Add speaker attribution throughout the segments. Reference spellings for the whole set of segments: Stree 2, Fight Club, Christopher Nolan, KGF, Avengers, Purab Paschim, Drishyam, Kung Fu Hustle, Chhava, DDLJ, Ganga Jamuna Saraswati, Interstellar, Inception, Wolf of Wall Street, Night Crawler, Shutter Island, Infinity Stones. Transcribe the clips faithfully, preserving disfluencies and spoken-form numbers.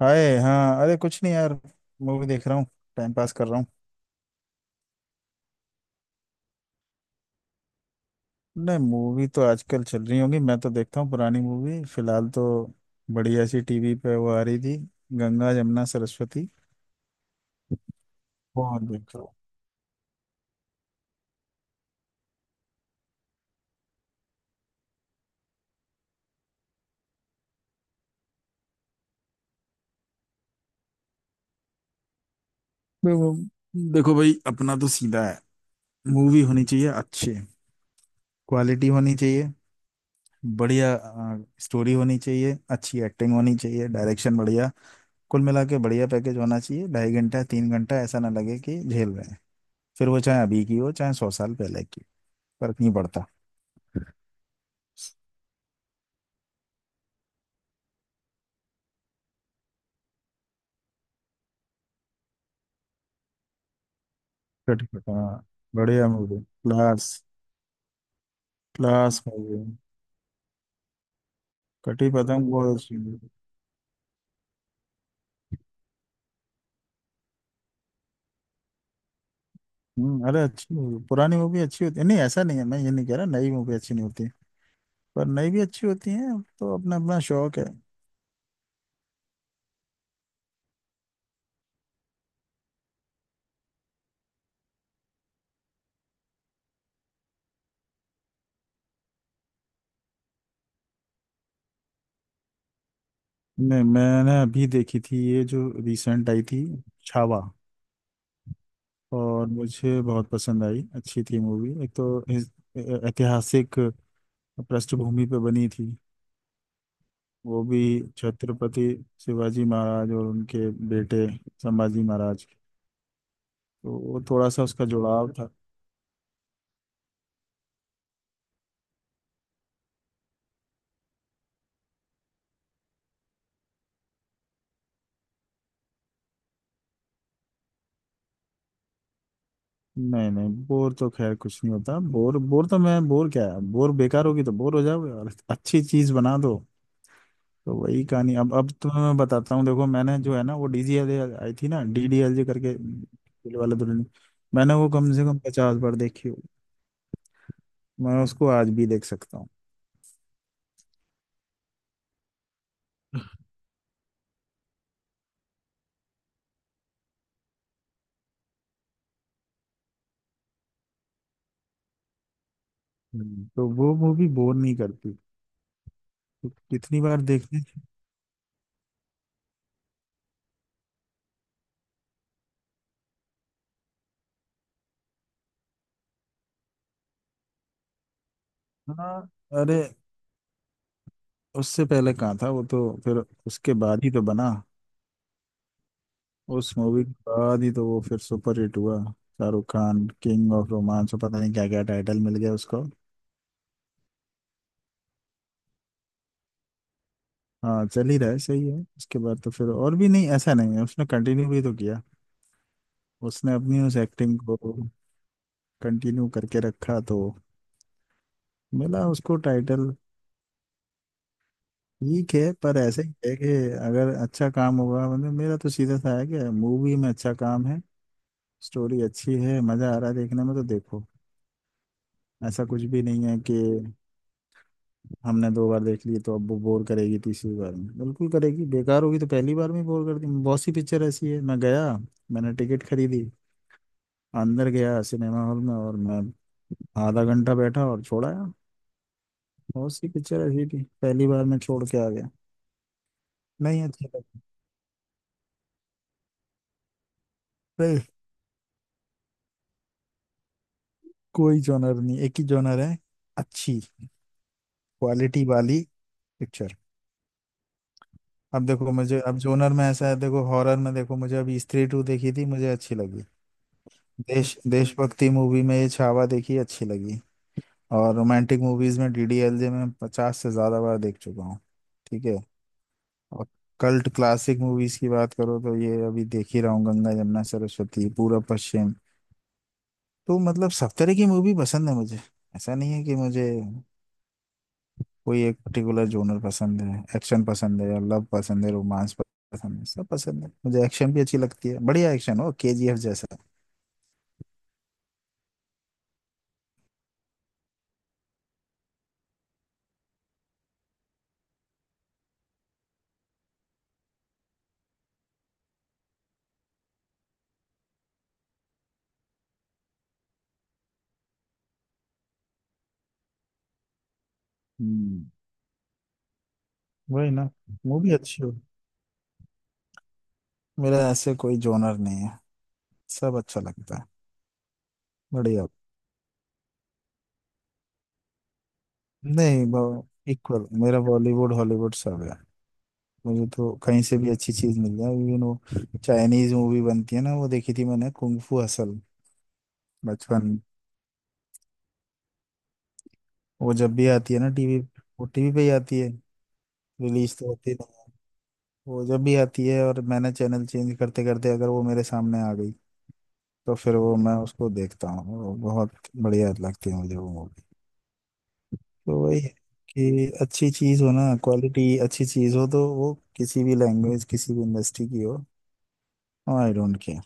Speaker 1: हाय। हाँ अरे कुछ नहीं यार, मूवी देख रहा हूँ। टाइम पास कर रहा हूँ। नहीं, मूवी तो आजकल चल रही होंगी, मैं तो देखता हूँ पुरानी मूवी फिलहाल तो। बढ़िया सी टीवी पे वो आ रही थी, गंगा जमुना सरस्वती, वो देख रहा हूँ। देखो, देखो भाई, अपना तो सीधा है। मूवी होनी चाहिए अच्छी, क्वालिटी होनी चाहिए बढ़िया, स्टोरी होनी चाहिए अच्छी, एक्टिंग होनी चाहिए, डायरेक्शन बढ़िया, कुल मिला के बढ़िया पैकेज होना चाहिए। ढाई घंटा तीन घंटा ऐसा ना लगे कि झेल रहे हैं। फिर वो चाहे अभी की हो चाहे सौ साल पहले की, फर्क नहीं पड़ता। कट। हाँ, बढ़िया movie, class. Class movie. Kati Patang बहुत अच्छी movie। हम्म अरे अच्छी मूवी, पुरानी मूवी अच्छी होती है, नहीं ऐसा नहीं है, मैं ये नहीं कह रहा नई मूवी अच्छी नहीं होती, पर नई भी अच्छी होती है। तो अपना अपना शौक है। नहीं, मैंने अभी देखी थी ये जो रिसेंट आई थी, छावा। और मुझे बहुत पसंद आई, अच्छी थी मूवी। एक तो इस- ऐतिहासिक पृष्ठभूमि पे बनी थी। वो भी, छत्रपति शिवाजी महाराज और उनके बेटे संभाजी महाराज, तो वो थोड़ा सा उसका जुड़ाव था। नहीं नहीं, बोर तो खैर कुछ नहीं होता। बोर बोर तो मैं, बोर क्या है, बोर बेकार होगी तो बोर हो जाओगे, और अच्छी चीज बना दो तो वही कहानी। अब अब तुम्हें मैं बताता हूँ। देखो, मैंने जो है ना वो डीजीएल आई थी ना, डीडीएलजे करके, दिल वाले दुल्हनिया। मैंने वो कम से कम पचास बार देखी होगी। मैं उसको आज भी देख सकता हूँ। हम्म। तो वो मूवी बोर नहीं करती। तो कितनी बार देखने। हाँ अरे, उससे पहले कहाँ था वो, तो फिर उसके बाद ही तो बना। उस मूवी के बाद ही तो वो फिर सुपर हिट हुआ, Shahrukh Khan, king of romance, और पता नहीं क्या क्या टाइटल मिल गया उसको। हाँ चल ही रहा है, सही है। उसके बाद तो फिर और भी, नहीं ऐसा नहीं है, उसने कंटिन्यू भी तो किया। उसने अपनी उस एक्टिंग को कंटिन्यू करके रखा, तो मिला उसको टाइटल। ठीक है, पर ऐसे ही है कि अगर अच्छा काम होगा। मतलब मेरा तो सीधा सा है कि मूवी में अच्छा काम है, स्टोरी अच्छी है, मजा आ रहा है देखने में, तो देखो, ऐसा कुछ भी नहीं है कि हमने दो बार देख ली तो अब वो बोर करेगी तीसरी बार में। बिल्कुल करेगी, बेकार होगी तो पहली बार में बोर कर दी। बहुत सी पिक्चर ऐसी है, मैं गया, मैंने टिकट खरीदी, अंदर गया सिनेमा हॉल में, और मैं आधा घंटा बैठा और छोड़ाया। बहुत सी पिक्चर ऐसी थी पहली बार में छोड़ के आ गया। नहीं, अच्छी लगी। नहीं, कोई जॉनर नहीं, एक ही जॉनर है, अच्छी क्वालिटी वाली पिक्चर। अब देखो, मुझे अब जोनर में ऐसा है, देखो हॉरर में, देखो मुझे अभी स्त्री टू देखी थी, मुझे अच्छी लगी। देश, देशभक्ति मूवी में ये छावा देखी, अच्छी लगी। और रोमांटिक मूवीज में डीडीएलजे में पचास से ज्यादा बार देख चुका हूँ। ठीक है। और कल्ट क्लासिक मूवीज की बात करो तो ये अभी देख ही रहा हूँ, गंगा यमुना सरस्वती, पूरब पश्चिम। तो मतलब सब तरह की मूवी पसंद है मुझे, ऐसा नहीं है कि मुझे कोई एक पर्टिकुलर जोनर पसंद है। एक्शन पसंद है, लव पसंद है, रोमांस पसंद है, सब पसंद है मुझे। एक्शन भी अच्छी लगती है, बढ़िया एक्शन हो केजीएफ जैसा। हम्म। वही ना, मूवी अच्छी हो। मेरा ऐसे कोई जोनर नहीं है, सब अच्छा लगता है बढ़िया। नहीं, इक्वल, मेरा बॉलीवुड हॉलीवुड सब है। मुझे तो कहीं से भी अच्छी चीज मिल जाए। इवन वो चाइनीज मूवी बनती है ना, वो देखी थी मैंने, कुंग फू हसल, बचपन में। वो जब भी आती है ना टीवी, वो टीवी पे ही आती है, रिलीज तो होती नहीं है। वो जब भी आती है और मैंने चैनल चेंज करते करते अगर वो मेरे सामने आ गई तो फिर वो मैं उसको देखता हूँ, वो बहुत बढ़िया लगती है मुझे वो मूवी। तो वही है कि अच्छी चीज हो ना, क्वालिटी अच्छी चीज हो, तो वो किसी भी लैंग्वेज किसी भी इंडस्ट्री की हो, आई डोंट केयर,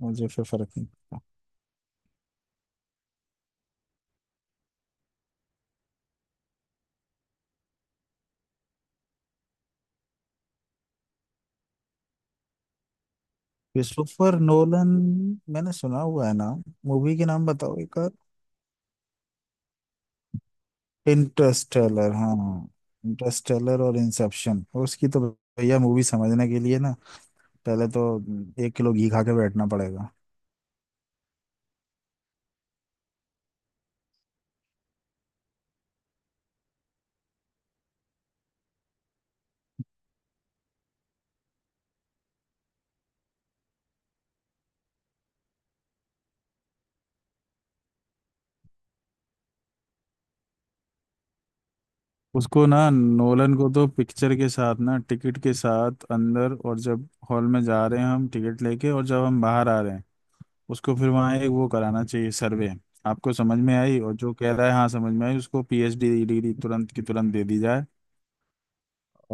Speaker 1: मुझे फिर फर्क नहीं पड़ता। क्रिस्टोफर नोलन, मैंने सुना हुआ है नाम। मूवी के नाम बताओ एक और। इंटरस्टेलर, हाँ। इंटरस्टेलर और इंसेप्शन, उसकी तो भैया मूवी समझने के लिए ना, पहले तो एक किलो घी खा के बैठना पड़ेगा। उसको ना, नोलन को तो पिक्चर के साथ ना, टिकट के साथ अंदर, और जब हॉल में जा रहे हैं हम टिकट लेके, और जब हम बाहर आ रहे हैं उसको, फिर वहाँ एक वो कराना चाहिए, सर्वे। आपको समझ में आई? और जो कह रहा है हाँ समझ में आई, उसको पीएचडी डिग्री तुरंत की तुरंत दे दी जाए।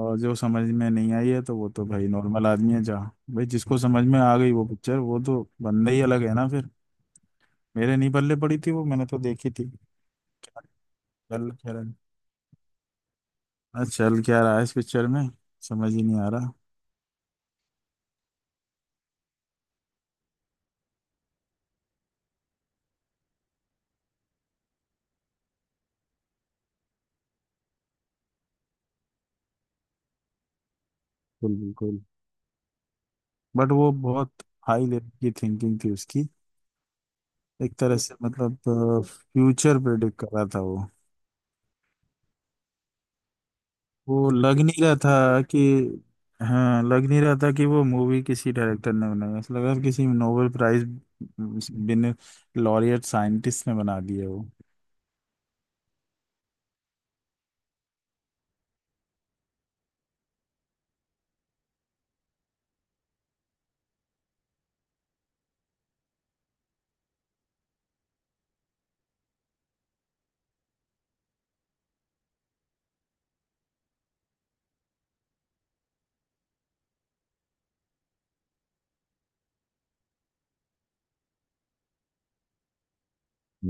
Speaker 1: और जो समझ में नहीं आई है तो वो तो भाई नॉर्मल आदमी है। जहाँ भाई जिसको समझ में आ गई वो पिक्चर, वो तो बंदा ही अलग है ना फिर। मेरे नहीं पल्ले पड़ी थी वो, मैंने तो देखी थी। चल कह रहा है, चल क्या रहा है इस पिक्चर में, समझ ही नहीं आ रहा। बिल्कुल बिल्कुल, बट वो बहुत हाई लेवल की थिंकिंग थी उसकी। एक तरह से मतलब फ्यूचर प्रेडिक्ट कर रहा था वो। वो लग नहीं रहा था कि हाँ लग नहीं रहा था कि वो मूवी किसी डायरेक्टर ने बनाई है। ऐसा लग रहा था किसी नोबेल प्राइज बिन लॉरियट साइंटिस्ट ने बना दिया वो।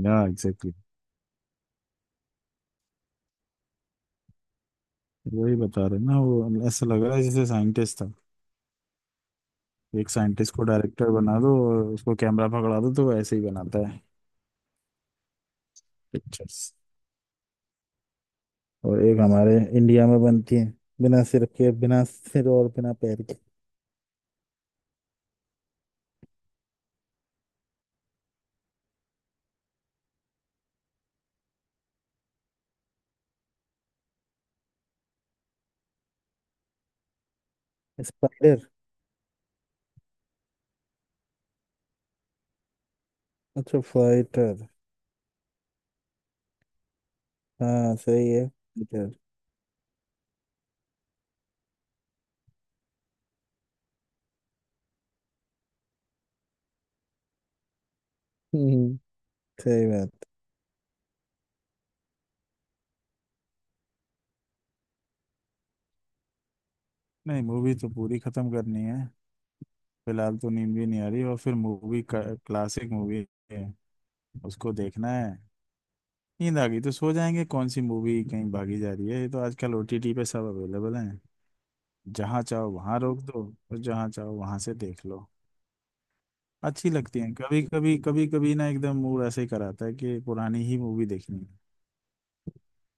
Speaker 1: या एग्जैक्टली, exactly। वही बता रहे ना वो, ऐसा लग रहा है जैसे साइंटिस्ट था। एक साइंटिस्ट को डायरेक्टर बना दो और उसको कैमरा पकड़ा दो तो वो ऐसे ही बनाता है पिक्चर्स। और एक हमारे इंडिया में बनती है बिना सिर के, बिना सिर और बिना पैर के। स्पाइडर। अच्छा, फाइटर, हाँ सही है, फाइटर। हम्म सही बात। नहीं, मूवी तो पूरी खत्म करनी है। फिलहाल तो नींद भी नहीं आ रही, और फिर मूवी क्लासिक मूवी है, उसको देखना है। नींद आ गई तो सो जाएंगे। कौन सी मूवी कहीं भागी जा रही है, ये तो आजकल ओटीटी पे सब अवेलेबल है। जहाँ चाहो वहाँ रोक दो, और जहाँ चाहो वहाँ से देख लो। अच्छी लगती हैं कभी कभी कभी कभी ना एकदम मूड ऐसे ही कराता है कि पुरानी ही मूवी देखनी है।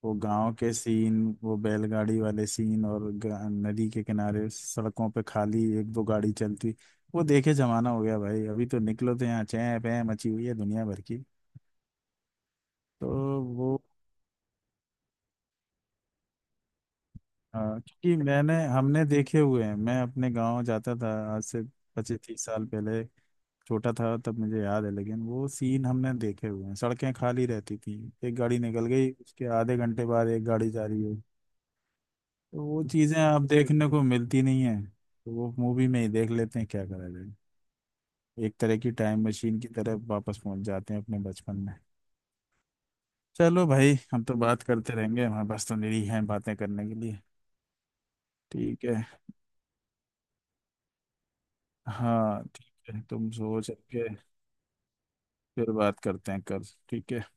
Speaker 1: वो गांव के सीन, वो बैलगाड़ी वाले सीन और ग- नदी के किनारे सड़कों पे खाली एक दो गाड़ी चलती। वो देखे जमाना हो गया भाई, अभी तो निकलो तो यहाँ चै पै मची हुई है दुनिया भर की। तो वो, अ, क्योंकि मैंने हमने देखे हुए हैं, मैं अपने गांव जाता था आज से पच्चीस तीस साल पहले, छोटा था तब, मुझे याद है, लेकिन वो सीन हमने देखे हुए हैं, सड़कें खाली रहती थी, एक गाड़ी निकल गई उसके आधे घंटे बाद एक गाड़ी जा रही है। तो वो चीज़ें अब देखने को मिलती नहीं है, तो वो मूवी में ही देख लेते हैं, क्या करा जाए। एक तरह की टाइम मशीन की तरह वापस पहुंच जाते हैं अपने बचपन में। चलो भाई, हम तो बात करते रहेंगे, हमारे पास तो निरी हैं बातें करने के लिए। ठीक है। हाँ ठीक है, तुम सोच के, फिर बात करते हैं कल। ठीक है।